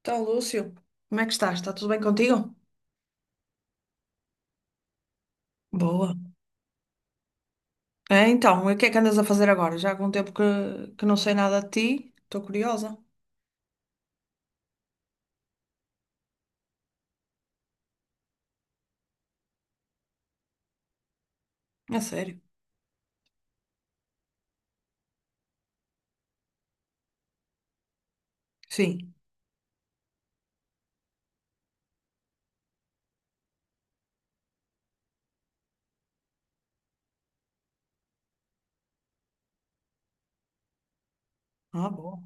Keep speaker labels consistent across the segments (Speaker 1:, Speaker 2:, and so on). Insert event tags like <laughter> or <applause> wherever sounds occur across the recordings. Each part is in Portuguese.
Speaker 1: Então, Lúcio, como é que estás? Está tudo bem contigo? Boa. É, então, e o que é que andas a fazer agora? Já há algum tempo que não sei nada de ti, estou curiosa. É sério. Sim. Ah, boa.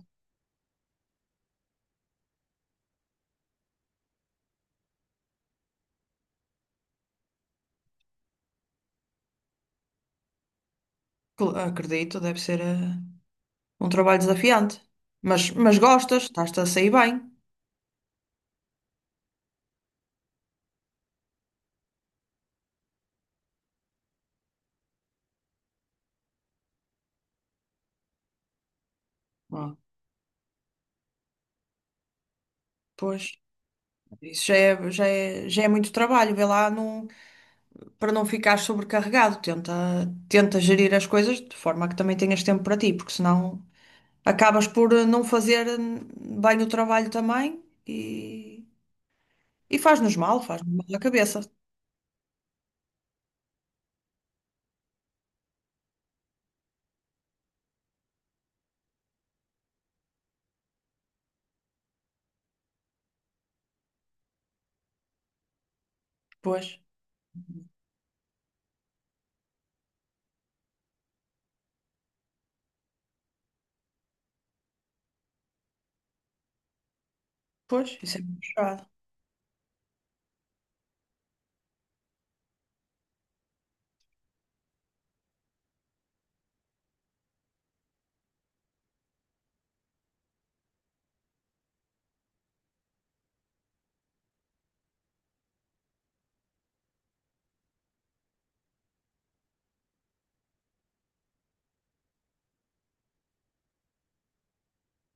Speaker 1: Acredito, deve ser um trabalho desafiante. Mas gostas, estás-te a sair bem. Ah, pois. Isso já é, já é, já é muito trabalho, vê lá não, para não ficar sobrecarregado. Tenta gerir as coisas de forma que também tenhas tempo para ti, porque senão acabas por não fazer bem o trabalho também e faz-nos mal à cabeça. Pois, pois, isso é muito puxado.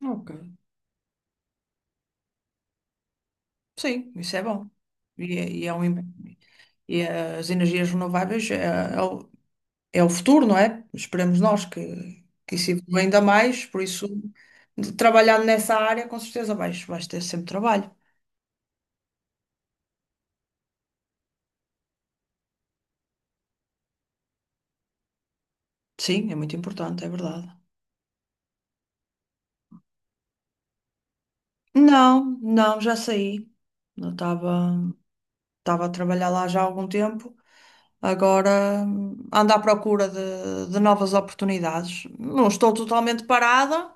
Speaker 1: Ok. Sim, isso é bom. E, é e é um, im- e as energias renováveis é, é o, é o futuro, não é? Esperemos nós que isso evolua ainda mais, por isso, trabalhando nessa área, com certeza vais, vais ter sempre trabalho. Sim, é muito importante, é verdade. Não, não, já saí. Não estava. Estava a trabalhar lá já há algum tempo. Agora ando à procura de novas oportunidades. Não estou totalmente parada,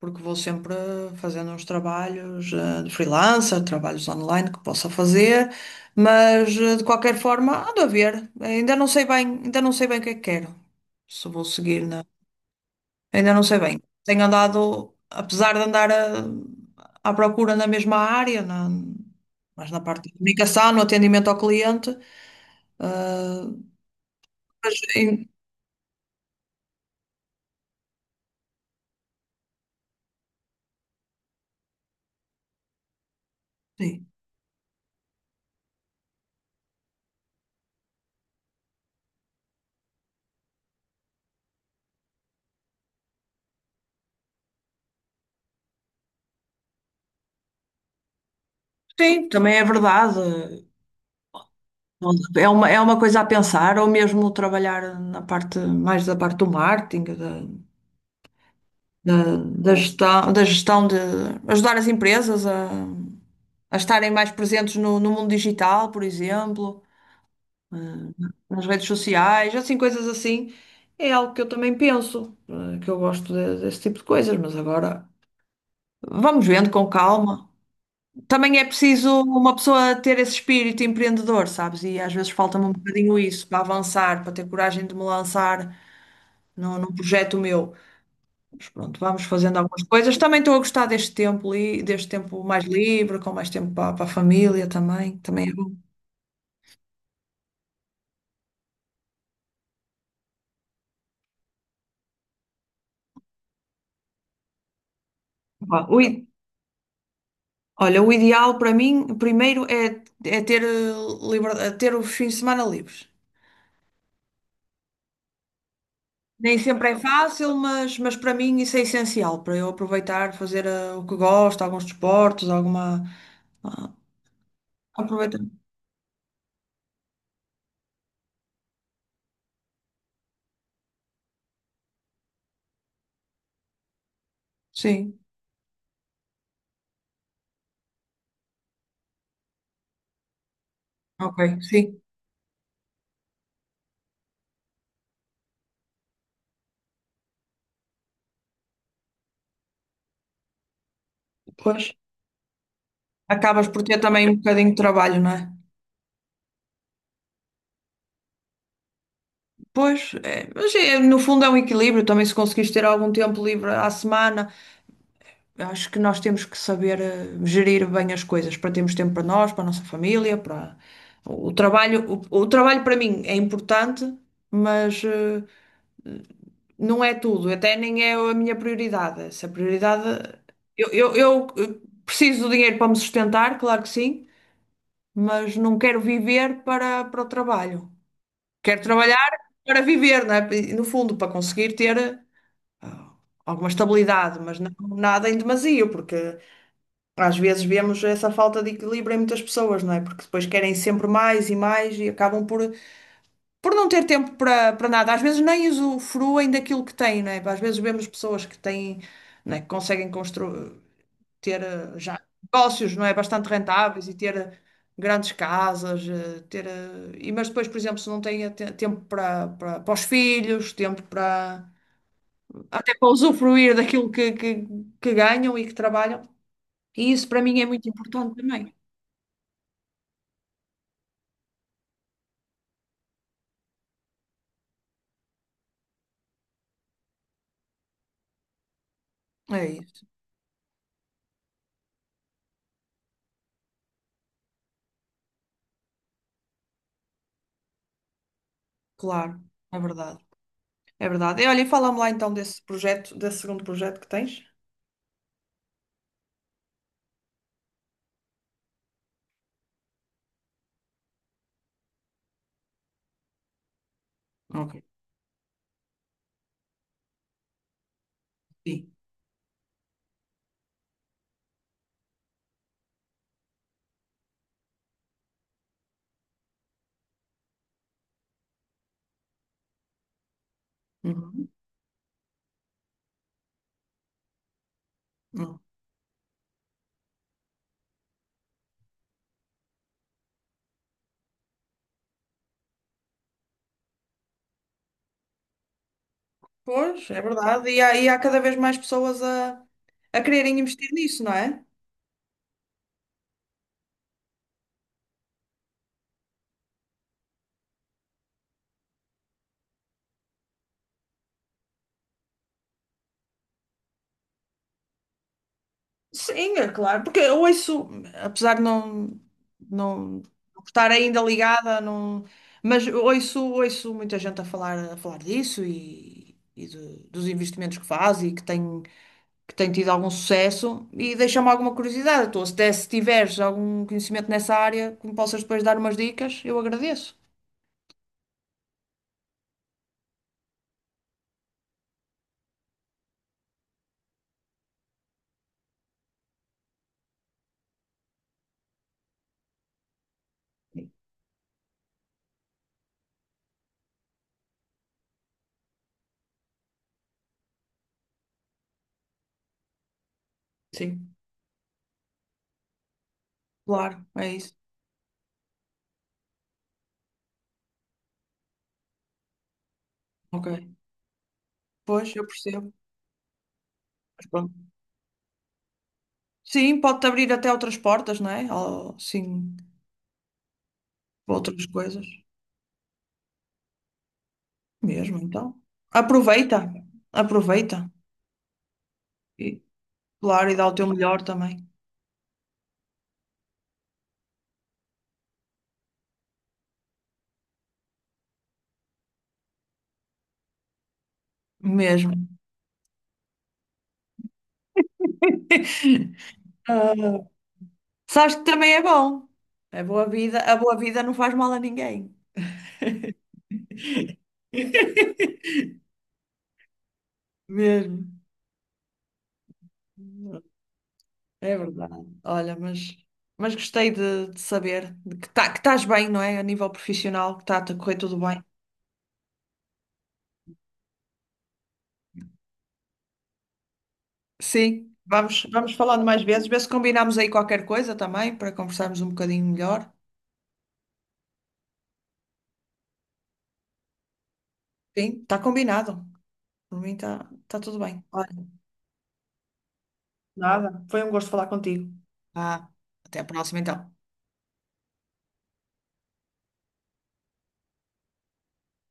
Speaker 1: porque vou sempre fazendo uns trabalhos de freelancer, trabalhos online que possa fazer, mas de qualquer forma ando a ver. Ainda não sei bem, ainda não sei bem o que é que quero. Se vou seguir na. Ainda não sei bem. Tenho andado, apesar de à procura na mesma área, mas na parte de comunicação, no atendimento ao cliente. Ah, mas, em- sim. Sim, também é verdade. É uma coisa a pensar, ou mesmo trabalhar na parte mais da parte do marketing, da gestão de ajudar as empresas a estarem mais presentes no, no mundo digital, por exemplo, eh, nas redes sociais, assim, coisas assim. É algo que eu também penso, que eu desse tipo de coisas, mas agora vamos vendo com calma. Também é preciso uma pessoa ter esse espírito empreendedor, sabes? E às vezes falta-me um bocadinho isso para avançar, para ter coragem de me lançar num, num projeto meu. Mas pronto, vamos fazendo algumas coisas. Também estou a gostar deste deste tempo mais livre, com mais tempo para, para a família também. Também é bom. Pá, olha, o ideal para mim, primeiro, é, é ter, é ter os fins de semana livres. Nem sempre é fácil, mas para mim isso é essencial, para eu aproveitar, fazer o que gosto, alguns desportos, alguma, ah, aproveitar. Sim, ok, sim. Pois. Acabas por ter também um bocadinho de trabalho, não é? Pois, é, mas é, no fundo é um equilíbrio também se conseguires ter algum tempo livre à semana. Eu acho que nós temos que saber gerir bem as coisas para termos tempo para nós, para a nossa família, para o trabalho. O trabalho para mim é importante, mas, não é tudo, até nem é a minha prioridade. Se a prioridade. Eu preciso do dinheiro para me sustentar, claro que sim, mas não quero viver para, para o trabalho. Quero trabalhar para viver, não é? No fundo, para conseguir ter, ah, alguma estabilidade, mas não nada em demasia, porque às vezes vemos essa falta de equilíbrio em muitas pessoas, não é? Porque depois querem sempre mais e mais e acabam por não ter tempo para para nada, às vezes nem usufruem daquilo que têm, não é? Às vezes vemos pessoas que têm, não é, que conseguem construir, ter já negócios, não é? Bastante rentáveis e ter, grandes casas, ter, e, mas depois, por exemplo, se não têm tempo para, para, para os filhos, tempo para, até para usufruir daquilo que ganham e que trabalham. E isso para mim é muito importante também. É isso, claro, é verdade. É verdade. E olha, e fala-me lá então desse projeto, desse segundo projeto que tens. Ok. Sim. Uhum. Uhum. Pois, é verdade. E há cada vez mais pessoas a quererem investir nisso, não é? Sim, é claro. Porque eu ouço, apesar de não, não estar ainda ligada, não, mas ouço, ouço muita gente a falar disso e, dos investimentos que faz e que tem tido algum sucesso. E deixa-me alguma curiosidade. Tu, se tiveres algum conhecimento nessa área, que me possas depois dar umas dicas, eu agradeço. Sim, claro, é isso. Ok. Pois, eu percebo. Mas pronto. Sim, pode-te abrir até outras portas, não é? Ou, sim, outras coisas. Mesmo, então. Aproveita. Aproveita. E, claro, e dá o teu melhor também. Mesmo. <laughs> Ah, sabes que também é bom. A boa vida não faz mal a ninguém. <laughs> Mesmo. É verdade. Olha, mas gostei de saber de que, tá, que estás bem, não é? A nível profissional, que está a correr tudo bem. Sim, vamos, vamos falando mais vezes, ver se combinamos aí qualquer coisa também, para conversarmos um bocadinho melhor. Sim, está combinado. Por mim está tá tudo bem. Olha, nada. Foi um gosto falar contigo. Ah, até a próxima então.